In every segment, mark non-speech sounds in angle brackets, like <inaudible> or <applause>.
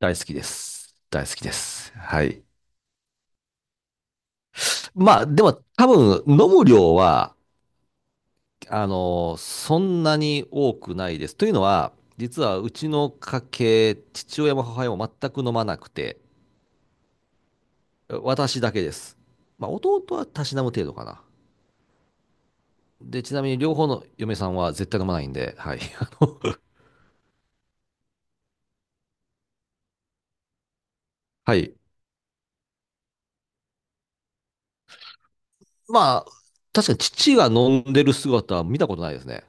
大好きです。大好きです。はい。まあ、でも多分飲む量は、そんなに多くないです。というのは、実はうちの家系、父親も母親も全く飲まなくて、私だけです。まあ、弟はたしなむ程度かな。で、ちなみに両方の嫁さんは絶対飲まないんで、はい。<laughs> はい。まあ、確かに父が飲んでる姿は見たことないですね。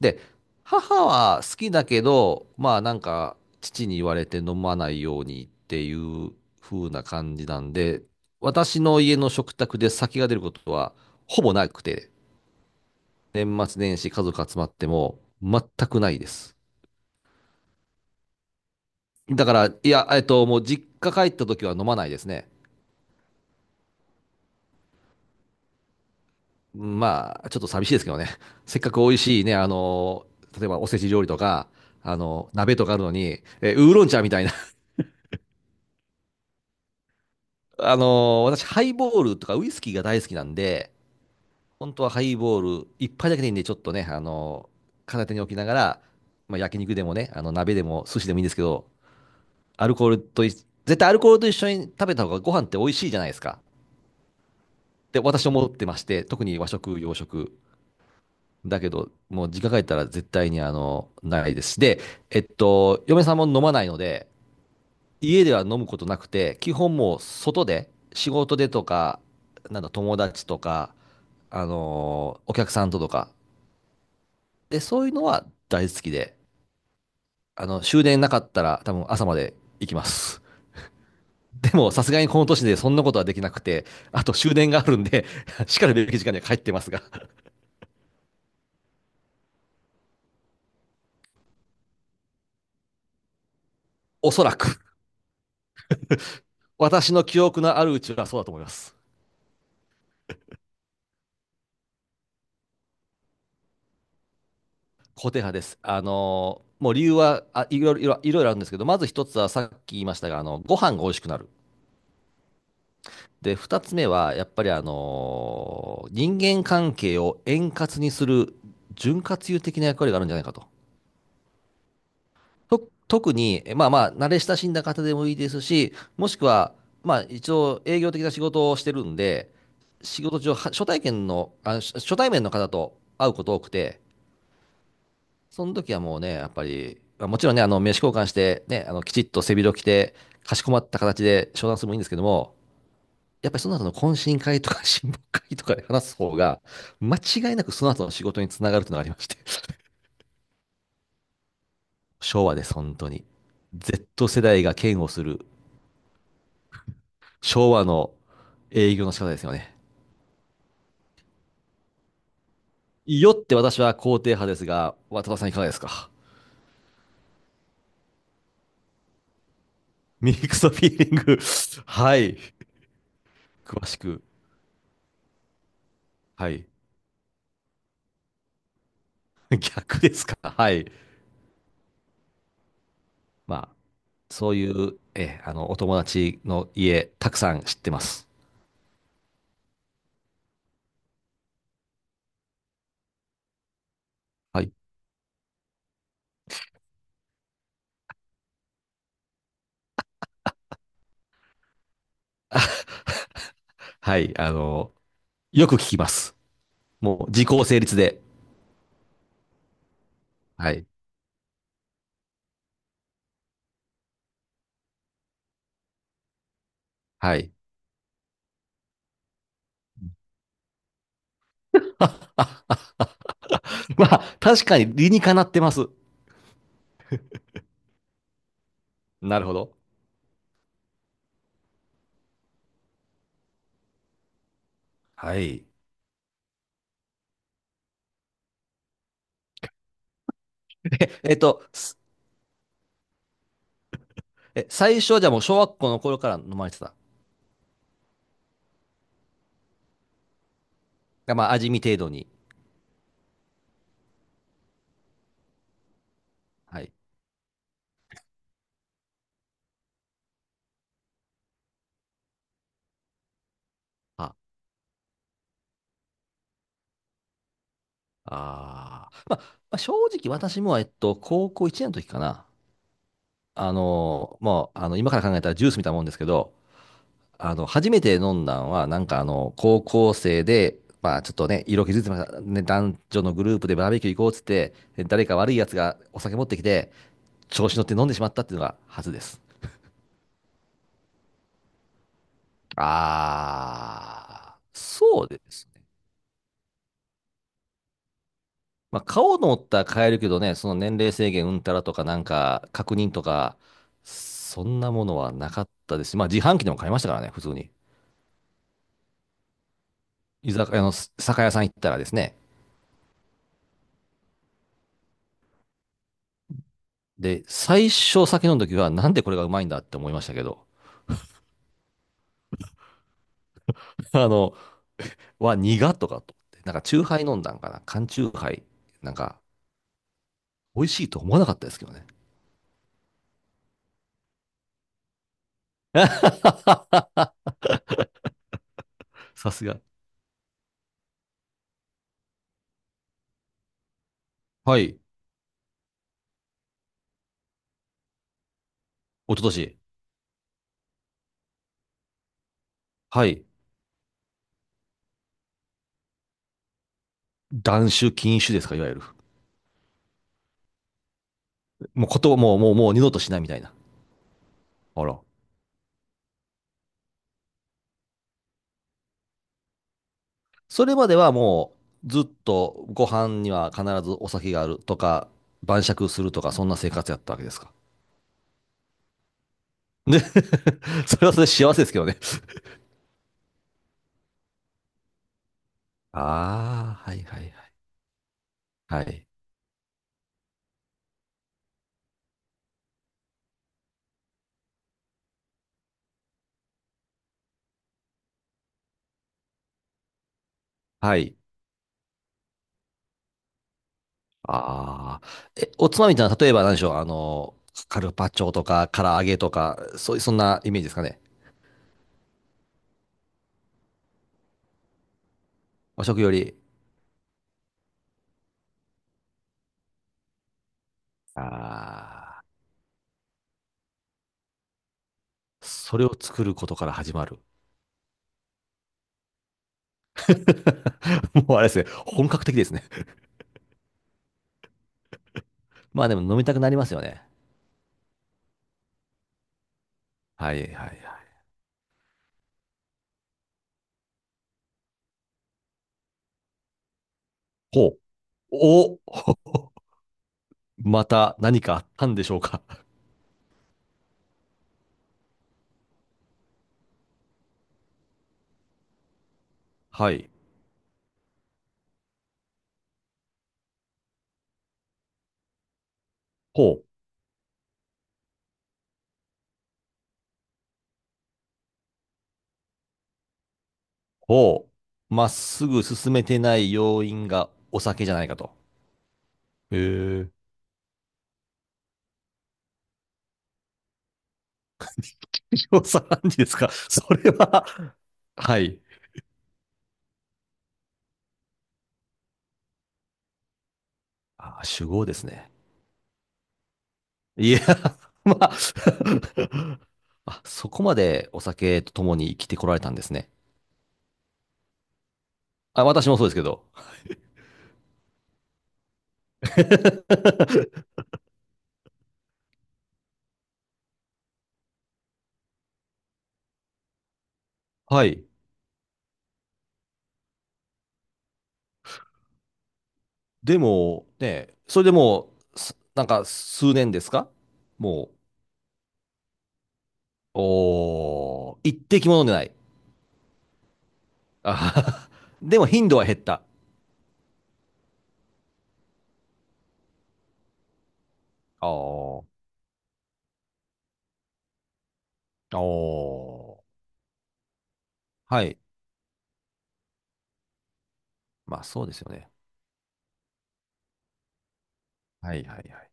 で、母は好きだけど、まあなんか、父に言われて飲まないようにっていう風な感じなんで、私の家の食卓で酒が出ることはほぼなくて、年末年始家族集まっても全くないです。だから、いや、もう実家帰った時は飲まないですね。まあ、ちょっと寂しいですけどね。<laughs> せっかく美味しいね、例えばおせち料理とか、鍋とかあるのに、ウーロン茶みたいな。<laughs> 私、ハイボールとかウイスキーが大好きなんで、本当はハイボール一杯だけでいいんで、ちょっとね、片手に置きながら、まあ、焼肉でもね、鍋でも寿司でもいいんですけど、アルコールとい、絶対アルコールと一緒に食べた方がご飯って美味しいじゃないですか。って私思ってまして、特に和食、洋食。だけど、もう実家帰ったら絶対にないですし。で、嫁さんも飲まないので、家では飲むことなくて、基本もう外で、仕事でとか、なんだ、友達とか、お客さんととか。で、そういうのは大好きで、終電なかったら多分朝まで行きます。でも、さすがにこの年でそんなことはできなくて、あと終電があるんで、<laughs> しかるべき時間には帰ってますが、おそらく、私の記憶のあるうちはそうだと思います。固定派です。もう理由はいろいろあるんですけど、まず一つはさっき言いましたが、ご飯が美味しくなる。で、二つ目はやっぱり人間関係を円滑にする潤滑油的な役割があるんじゃないかと。特に、まあまあ、慣れ親しんだ方でもいいですし、もしくは、まあ一応営業的な仕事をしてるんで、仕事上、は初体験の、あ、初初対面の方と会うこと多くて、その時はもうね、やっぱり、まあもちろんね、名刺交換して、ね、きちっと背広着て、かしこまった形で商談するのもいいんですけども、やっぱりその後の懇親会とか <laughs> 親睦会とかで話す方が、間違いなくその後の仕事につながるというのがありまして、昭和です、本当に。Z 世代が嫌悪する昭和の営業の仕方ですよね。よって私は肯定派ですが、渡辺さんいかがですか？ミックスフィーリング <laughs> はい。詳しく。はい。<laughs> 逆ですか？はい。まあ、そういう、え、あの、お友達の家、たくさん知ってます。はい。はい、よく聞きます。もう、時効成立で。はい、はい。あ、まあ、確かに理にかなってます。なるほど。はい。ええっと、す最初はじゃあもう小学校の頃から飲まれてた？がまあ、味見程度に。はい。あ、まあ、まあ正直私も、高校1年の時かな。もう、今から考えたらジュースみたいなもんですけど、初めて飲んだんは、なんか高校生で、まあちょっとね、色気づいてました。ね、男女のグループでバーベキュー行こうっつって、で誰か悪いやつがお酒持ってきて、調子乗って飲んでしまったっていうのが初です。そうですね。まあ顔のったら変えるけどね、その年齢制限うんたらとかなんか確認とか、そんなものはなかったですし、まあ自販機でも買いましたからね、普通に。居酒屋の酒屋さん行ったらですね、で、最初酒飲んだ時は、なんでこれがうまいんだって思いましたけど、<laughs> あの、は苦とかと思って、なんか、チューハイ飲んだんかな、缶チューハイ、なんか、美味しいと思わなかったですけどね。<laughs> さすが。はい。一昨年。はい。断酒禁酒ですか、いわゆる。もうこともう、もう、もう二度としないみたいな。あら。それまではもう、ずっとご飯には必ずお酒があるとか、晩酌するとか、そんな生活やったわけですか？で、<laughs> それはそれで幸せですけどね。ああ、はいはいはい。はい。はい。ああ。おつまみってのは、例えば何でしょう、カルパッチョとか、唐揚げとか、そういう、そんなイメージですかね？和食より。ああ。それを作ることから始まる。<laughs> もうあれですね。本格的ですね。まあでも飲みたくなりますよね。はいはいはい。ほう。お、また何かあったんでしょうか？<laughs> はい。ほう。ほう。まっすぐ進めてない要因がお酒じゃないかと。へえ。調査判事ですか？ <laughs> それは、はい。あ、酒豪ですね。いや、<laughs> まあ <laughs>、あ、そこまでお酒と共に生きてこられたんですね。あ、私もそうですけど。<laughs> はい。でも、ね、それでもう、なんか数年ですか？もう、おー、一滴も飲んでない？あはは。でも頻度は減った。おー、おー。はい。まあそうですよね。はいはいはい。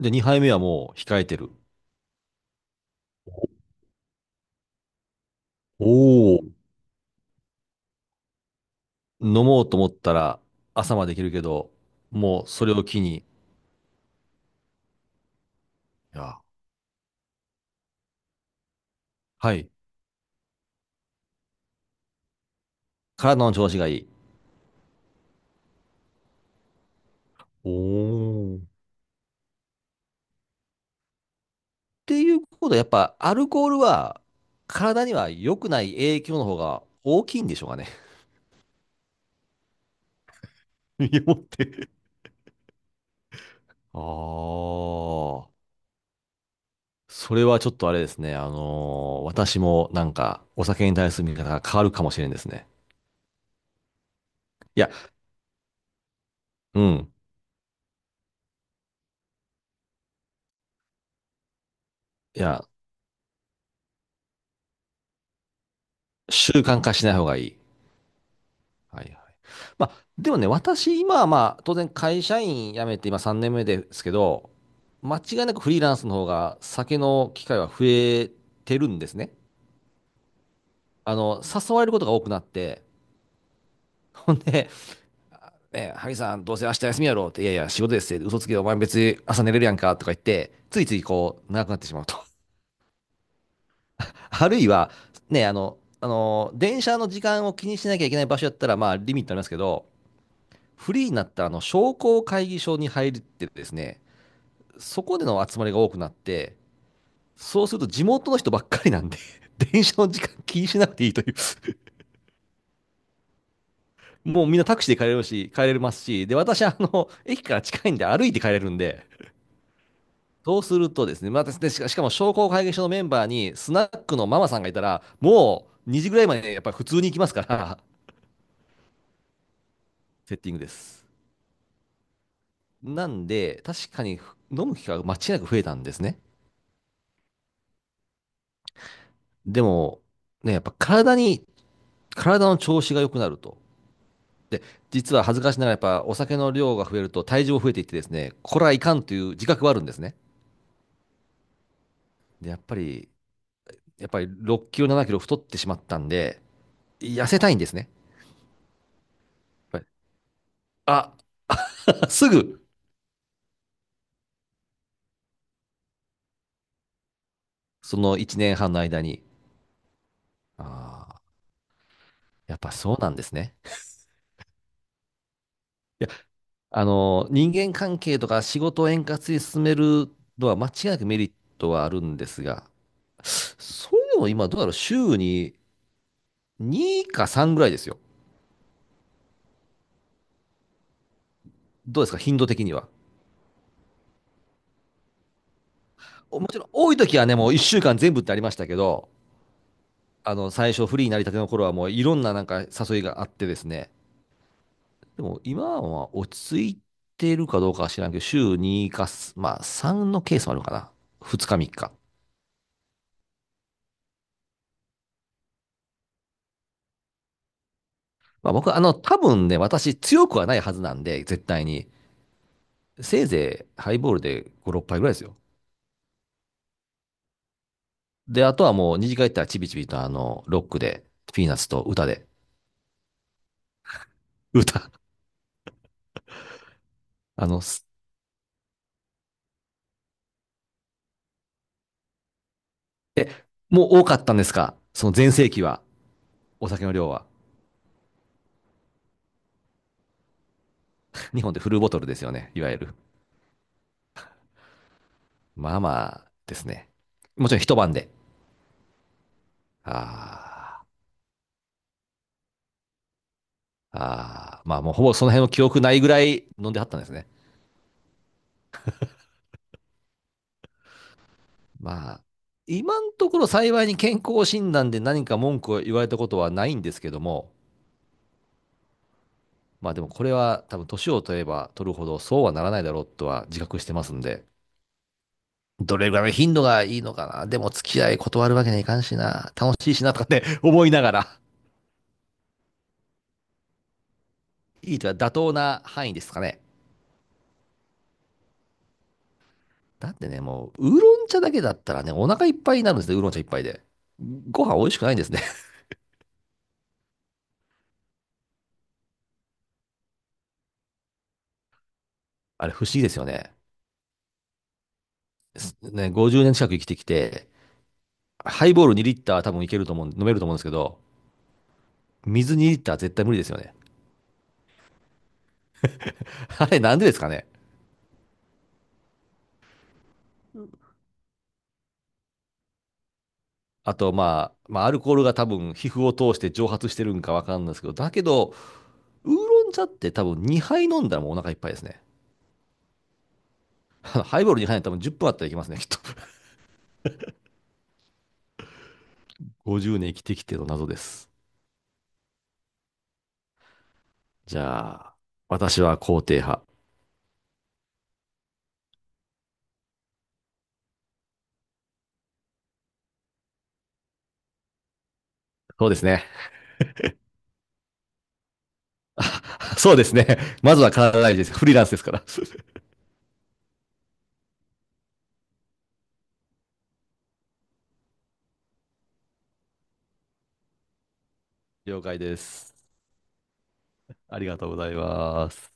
で、2杯目はもう控えてる？おお。飲もうと思ったら朝までいけるけど、もうそれを機に、いや。はい、体の調子がいい。っていうことは、やっぱアルコールは体には良くない影響の方が大きいんでしょうかね？<laughs> 身をもって。ああ。それはちょっとあれですね。私もなんかお酒に対する見方が変わるかもしれんですね。いや、うん。いや、習慣化しない方がいい。はいはい。まあ、でもね、私、今はまあ、当然会社員辞めて今3年目ですけど、間違いなくフリーランスの方が酒の機会は増えてるんですね。誘われることが多くなって、<laughs> ほんで、ね、萩さん、どうせ明日休みやろうって、いやいや、仕事ですって、嘘つけ、お前別に朝寝れるやんかとか言って、ついついこう、長くなってしまうと。<laughs> あるいは、ね、電車の時間を気にしなきゃいけない場所やったら、まあ、リミットありますけど、フリーになったあの商工会議所に入ってですね、そこでの集まりが多くなって、そうすると地元の人ばっかりなんで、<laughs> 電車の時間気にしなくていいという、<laughs> もうみんなタクシーで帰れるし、帰れますし、で、私、駅から近いんで歩いて帰れるんで、そうするとですね、また、でしかしかも商工会議所のメンバーにスナックのママさんがいたら、もう2時ぐらいまでやっぱり普通に行きますから、<laughs> セッティングです。なんで、確かに飲む機会が間違いなく増えたんですね。でも、ね、やっぱ体に、体の調子が良くなると。で、実は恥ずかしながらやっぱお酒の量が増えると体重も増えていってですね、これはいかんという自覚はあるんですね。で、やっぱり6キロ、7キロ太ってしまったんで、痩せたいんですね。やっぱりあ、<laughs> すぐ、その1年半の間に、ああ、やっぱそうなんですね。いや、人間関係とか仕事を円滑に進めるのは間違いなくメリットはあるんですが、そういうのも今どうだろう、週に2か3ぐらいですよ。どうですか、頻度的には。ちろん多い時はね、もう1週間全部ってありましたけど、最初フリーになりたての頃はもういろんななんか誘いがあってですね、でも今は落ち着いてるかどうかは知らんけど、週2か、まあ3のケースもあるのかな。2日3日。まあ僕、多分ね、私強くはないはずなんで、絶対に。せいぜいハイボールで5、6杯ぐらいですよ。で、あとはもう二次会行ったらチビチビとロックで、ピーナッツと歌で、歌。あの、え、もう多かったんですかその全盛期は、お酒の量は。日本でフルボトルですよね。いわゆる。まあまあですね。もちろん一晩で。あーまあもうほぼその辺の記憶ないぐらい飲んではったんですね。まあ、今のところ幸いに健康診断で何か文句を言われたことはないんですけども、まあでもこれは多分年を取れば取るほどそうはならないだろうとは自覚してますんで、どれぐらいの頻度がいいのかな。でも付き合い断るわけにはいかんしな。楽しいしなとかって <laughs> 思いながら、いいとは妥当な範囲ですかね。だってね、もう、ウーロン茶だけだったらね、お腹いっぱいになるんですね、ウーロン茶一杯で。ご飯美味しくないんですね。<laughs> あれ不思議ですよね。すね、50年近く生きてきて、ハイボール2リッター多分いけると思う、飲めると思うんですけど、水2リッター絶対無理ですよね。<laughs> あれなんでですかね。あと、まあ、アルコールが多分皮膚を通して蒸発してるんかわかんないですけど、だけど、ウーロン茶って多分2杯飲んだらもうお腹いっぱいですね。<laughs> ハイボール2杯はい多分10分あったらいけますね、きっと。<laughs> 50年生きてきての謎です。じゃあ、私は肯定派。そうですね。<laughs> あそうですね。まずは体大事です。フリーランスですから。<laughs> 了解です。ありがとうございます。